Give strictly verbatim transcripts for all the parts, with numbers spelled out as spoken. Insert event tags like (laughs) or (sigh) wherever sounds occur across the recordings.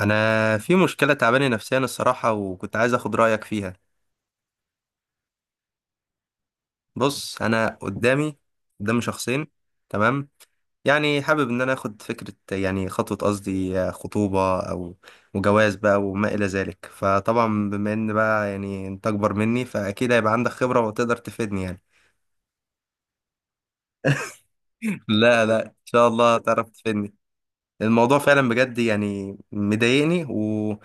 انا في مشكله تعباني نفسيا الصراحه، وكنت عايز اخد رايك فيها. بص، انا قدامي قدامي شخصين. تمام. يعني حابب ان انا اخد فكره، يعني خطوه قصدي خطوبه او وجواز بقى وما الى ذلك. فطبعا بما ان بقى يعني انت اكبر مني، فاكيد هيبقى عندك خبره وتقدر تفيدني يعني. (laughs) لا لا، ان شاء الله تعرف تفيدني. الموضوع فعلا بجد يعني مضايقني و-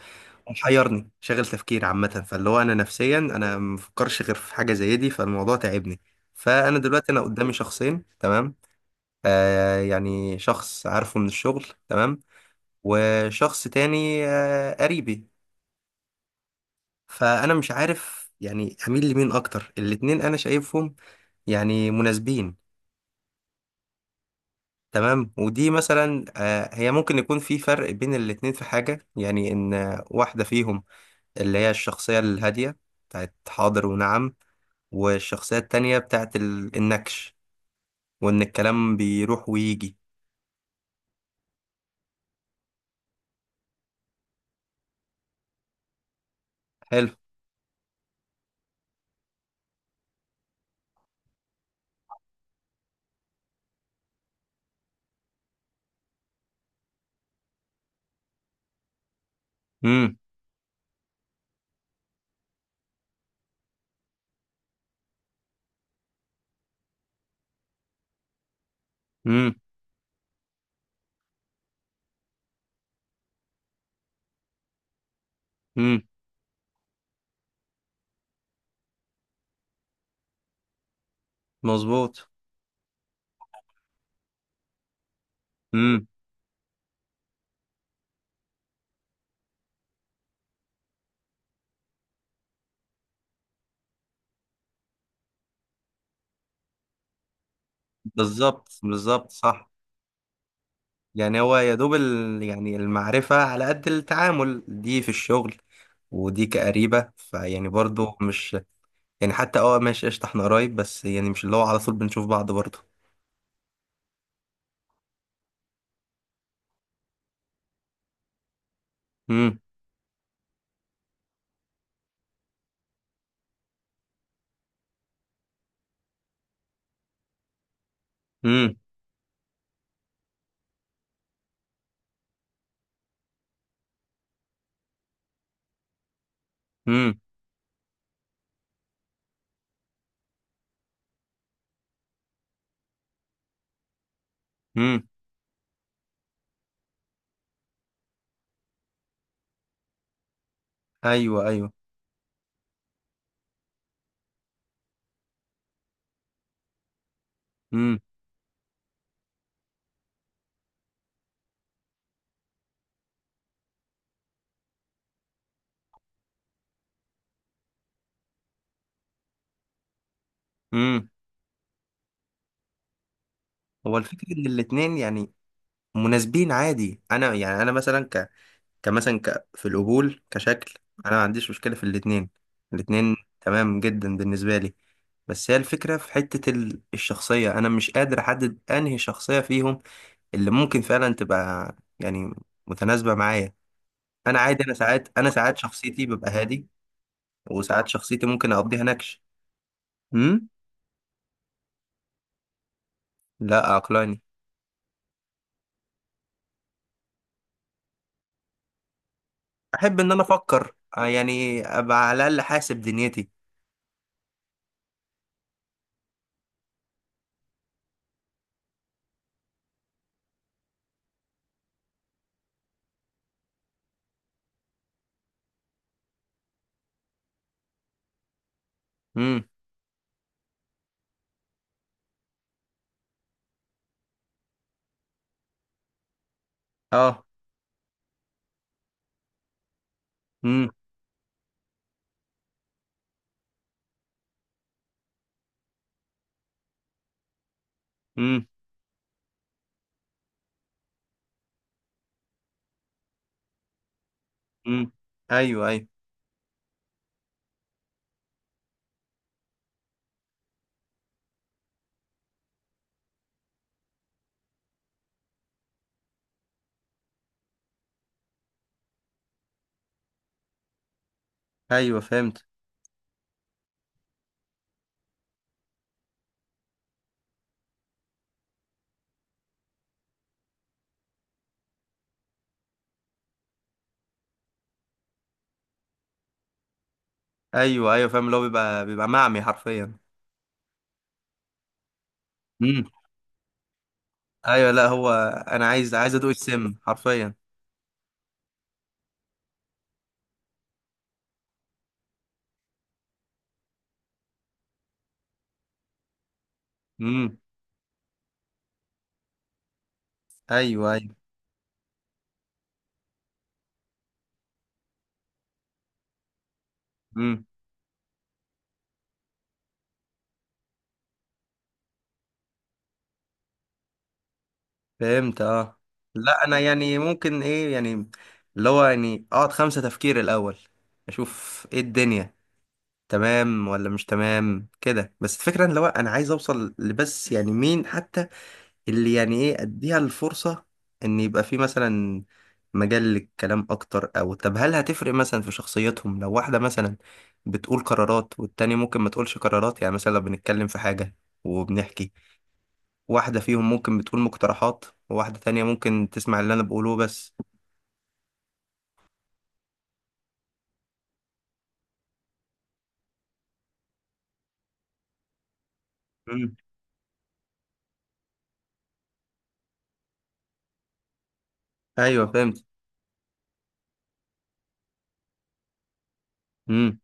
ومحيرني، شاغل تفكير عامة. فاللي هو أنا نفسيا أنا مفكرش غير في حاجة زي دي، فالموضوع تعبني. فأنا دلوقتي أنا قدامي شخصين. تمام. آه، يعني شخص عارفه من الشغل. تمام. وشخص تاني آه، قريبي. فأنا مش عارف يعني أميل لمين أكتر. الاتنين أنا شايفهم يعني مناسبين. تمام ودي مثلا آه، هي ممكن يكون في فرق بين الاتنين في حاجة، يعني إن واحدة فيهم اللي هي الشخصية الهادية بتاعت حاضر ونعم، والشخصية التانية بتاعت ال... النكش، وإن الكلام بيروح ويجي. حلو. امم. امم. امم. مظبوط. امم. بالظبط، بالظبط، صح. يعني هو يا دوب ال... يعني المعرفة على قد التعامل، دي في الشغل ودي كقريبة. فيعني برضو مش يعني حتى اه، ماشي قشطة، احنا قرايب بس يعني مش اللي هو على طول بنشوف بعض برضو. امم. امم. امم. امم. ايوه، ايوه. امم. هو الفكرة ان الاتنين يعني مناسبين عادي. انا يعني انا مثلا ك كمثلا ك في القبول كشكل، انا ما عنديش مشكلة في الاتنين. الاتنين تمام جدا بالنسبة لي. بس هي الفكرة في حتة ال- الشخصية، انا مش قادر احدد انهي شخصية فيهم اللي ممكن فعلا تبقى يعني متناسبة معايا. انا عادي، انا ساعات انا ساعات شخصيتي ببقى هادي، وساعات شخصيتي ممكن اقضيها نكش. امم. لا عقلاني. احب ان انا افكر آه، يعني ابقى على الاقل حاسب دنيتي. اه. امم. امم. امم. ايوه، ايوه. ايوه فهمت. ايوه، ايوه، فاهم، اللي هو بيبقى بيبقى معمي حرفيا. امم. ايوه. لا هو انا عايز عايز ادوق السم حرفيا. امم. ايوه، ايوه. امم. فهمت اه. لا انا يعني ممكن ايه يعني، اللي هو يعني اقعد خمسة تفكير الاول، اشوف ايه الدنيا، تمام ولا مش تمام كده. بس الفكرة ان لو انا عايز اوصل لبس يعني مين حتى اللي يعني ايه اديها الفرصة ان يبقى في مثلا مجال للكلام اكتر. او طب هل هتفرق مثلا في شخصيتهم لو واحدة مثلا بتقول قرارات والتانية ممكن ما تقولش قرارات؟ يعني مثلا لو بنتكلم في حاجة وبنحكي، واحدة فيهم ممكن بتقول مقترحات وواحدة تانية ممكن تسمع اللي انا بقوله بس. مم. ايوه فهمت. مم.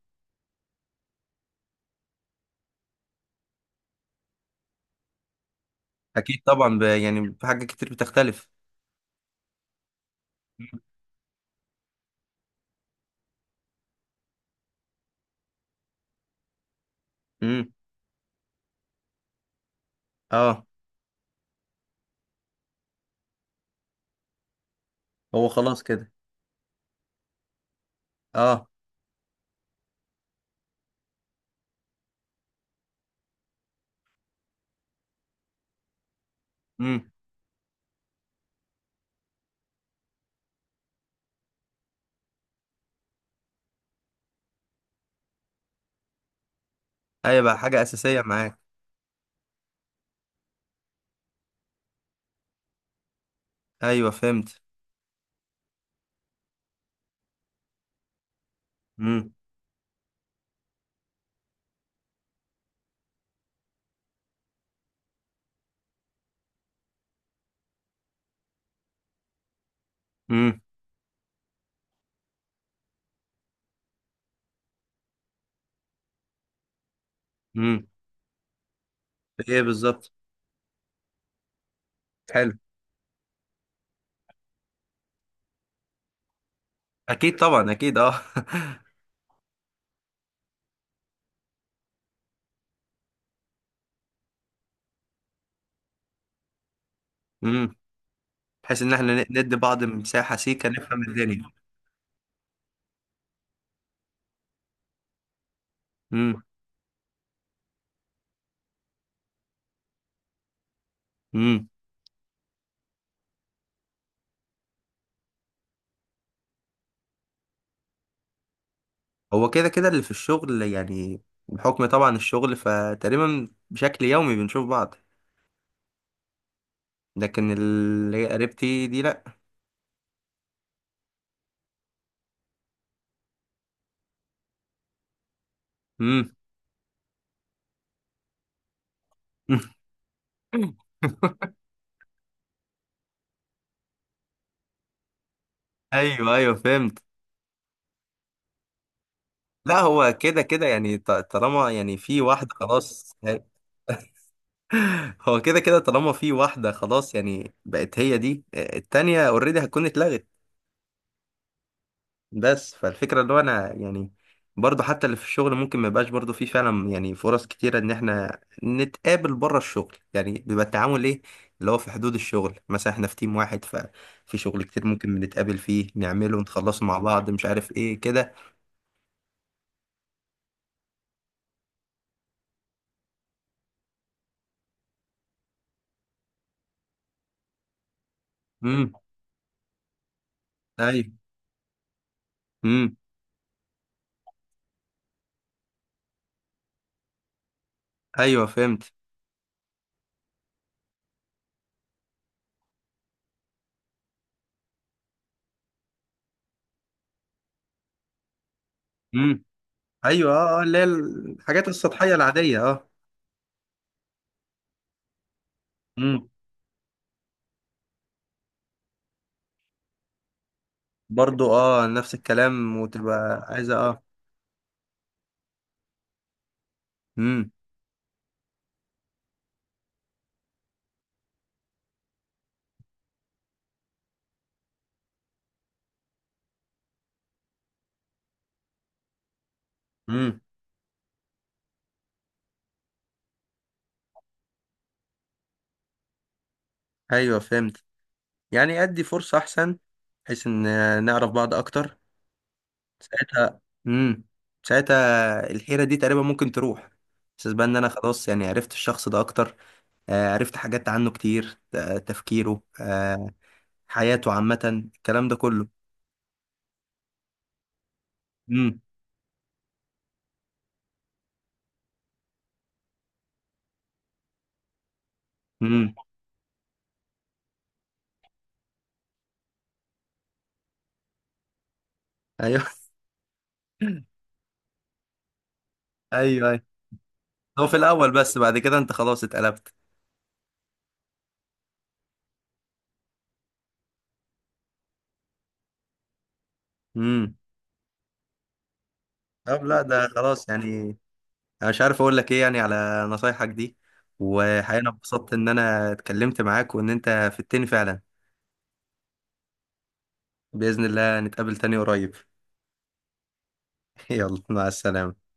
اكيد طبعا، ب... يعني في حاجات كتير بتختلف. امم. اه. هو خلاص كده. اه. امم. ايوه بقى حاجة اساسية معاك. ايوه فهمت. مم. امم. امم. ايه بالظبط. حلو. اكيد طبعا، اكيد اه. (laughs) امم. بحيث ان احنا ن- ندي بعض مساحه سيكه نفهم الدنيا. امم. امم. هو كده كده اللي في الشغل، يعني بحكم طبعا الشغل فتقريبا بشكل يومي بنشوف بعض. لكن اللي هي قريبتي دي لا. امم. (laughs) ايوه، ايوه فهمت. لا هو كده كده يعني ط- طالما يعني في واحده خلاص. (laughs) هو كده كده، طالما في واحدة خلاص يعني بقت هي دي، التانية اوريدي هتكون اتلغت. بس فالفكرة اللي هو انا يعني برضو حتى اللي في الشغل ممكن ما يبقاش برضو في فعلا يعني فرص كتيرة ان احنا نتقابل بره الشغل، يعني بيبقى التعامل ايه، اللي هو في حدود الشغل. مثلا احنا في تيم واحد، ففي شغل كتير ممكن نتقابل فيه نعمله ونخلصه مع بعض مش عارف ايه كده. امم. ايوه. امم. ايوه فهمت. امم. ايوه اه آه، اللي هي الحاجات السطحية العادية اه. امم. برضو اه، نفس الكلام، وتبقى عايزة اه. امم. امم. ايوه فهمت. يعني ادي فرصة احسن بحيث ان نعرف بعض اكتر ساعتها. امم. ساعتها الحيرة دي تقريبا ممكن تروح، بس بقى ان انا خلاص يعني عرفت الشخص ده اكتر. آه عرفت حاجات عنه كتير، آه تفكيره، آه حياته عامة، الكلام ده كله. امم. امم. ايوه. (laughs) ايوه، ايوه. هو في الاول، بس بعد كده انت خلاص اتقلبت. امم. طب لا، ده خلاص يعني، انا مش عارف اقول لك ايه يعني على نصايحك دي. وحقيقة انا اتبسطت ان انا اتكلمت معاك وان انت فدتني فعلا. بإذن الله نتقابل تاني قريب. (laughs) يلا، مع السلامة.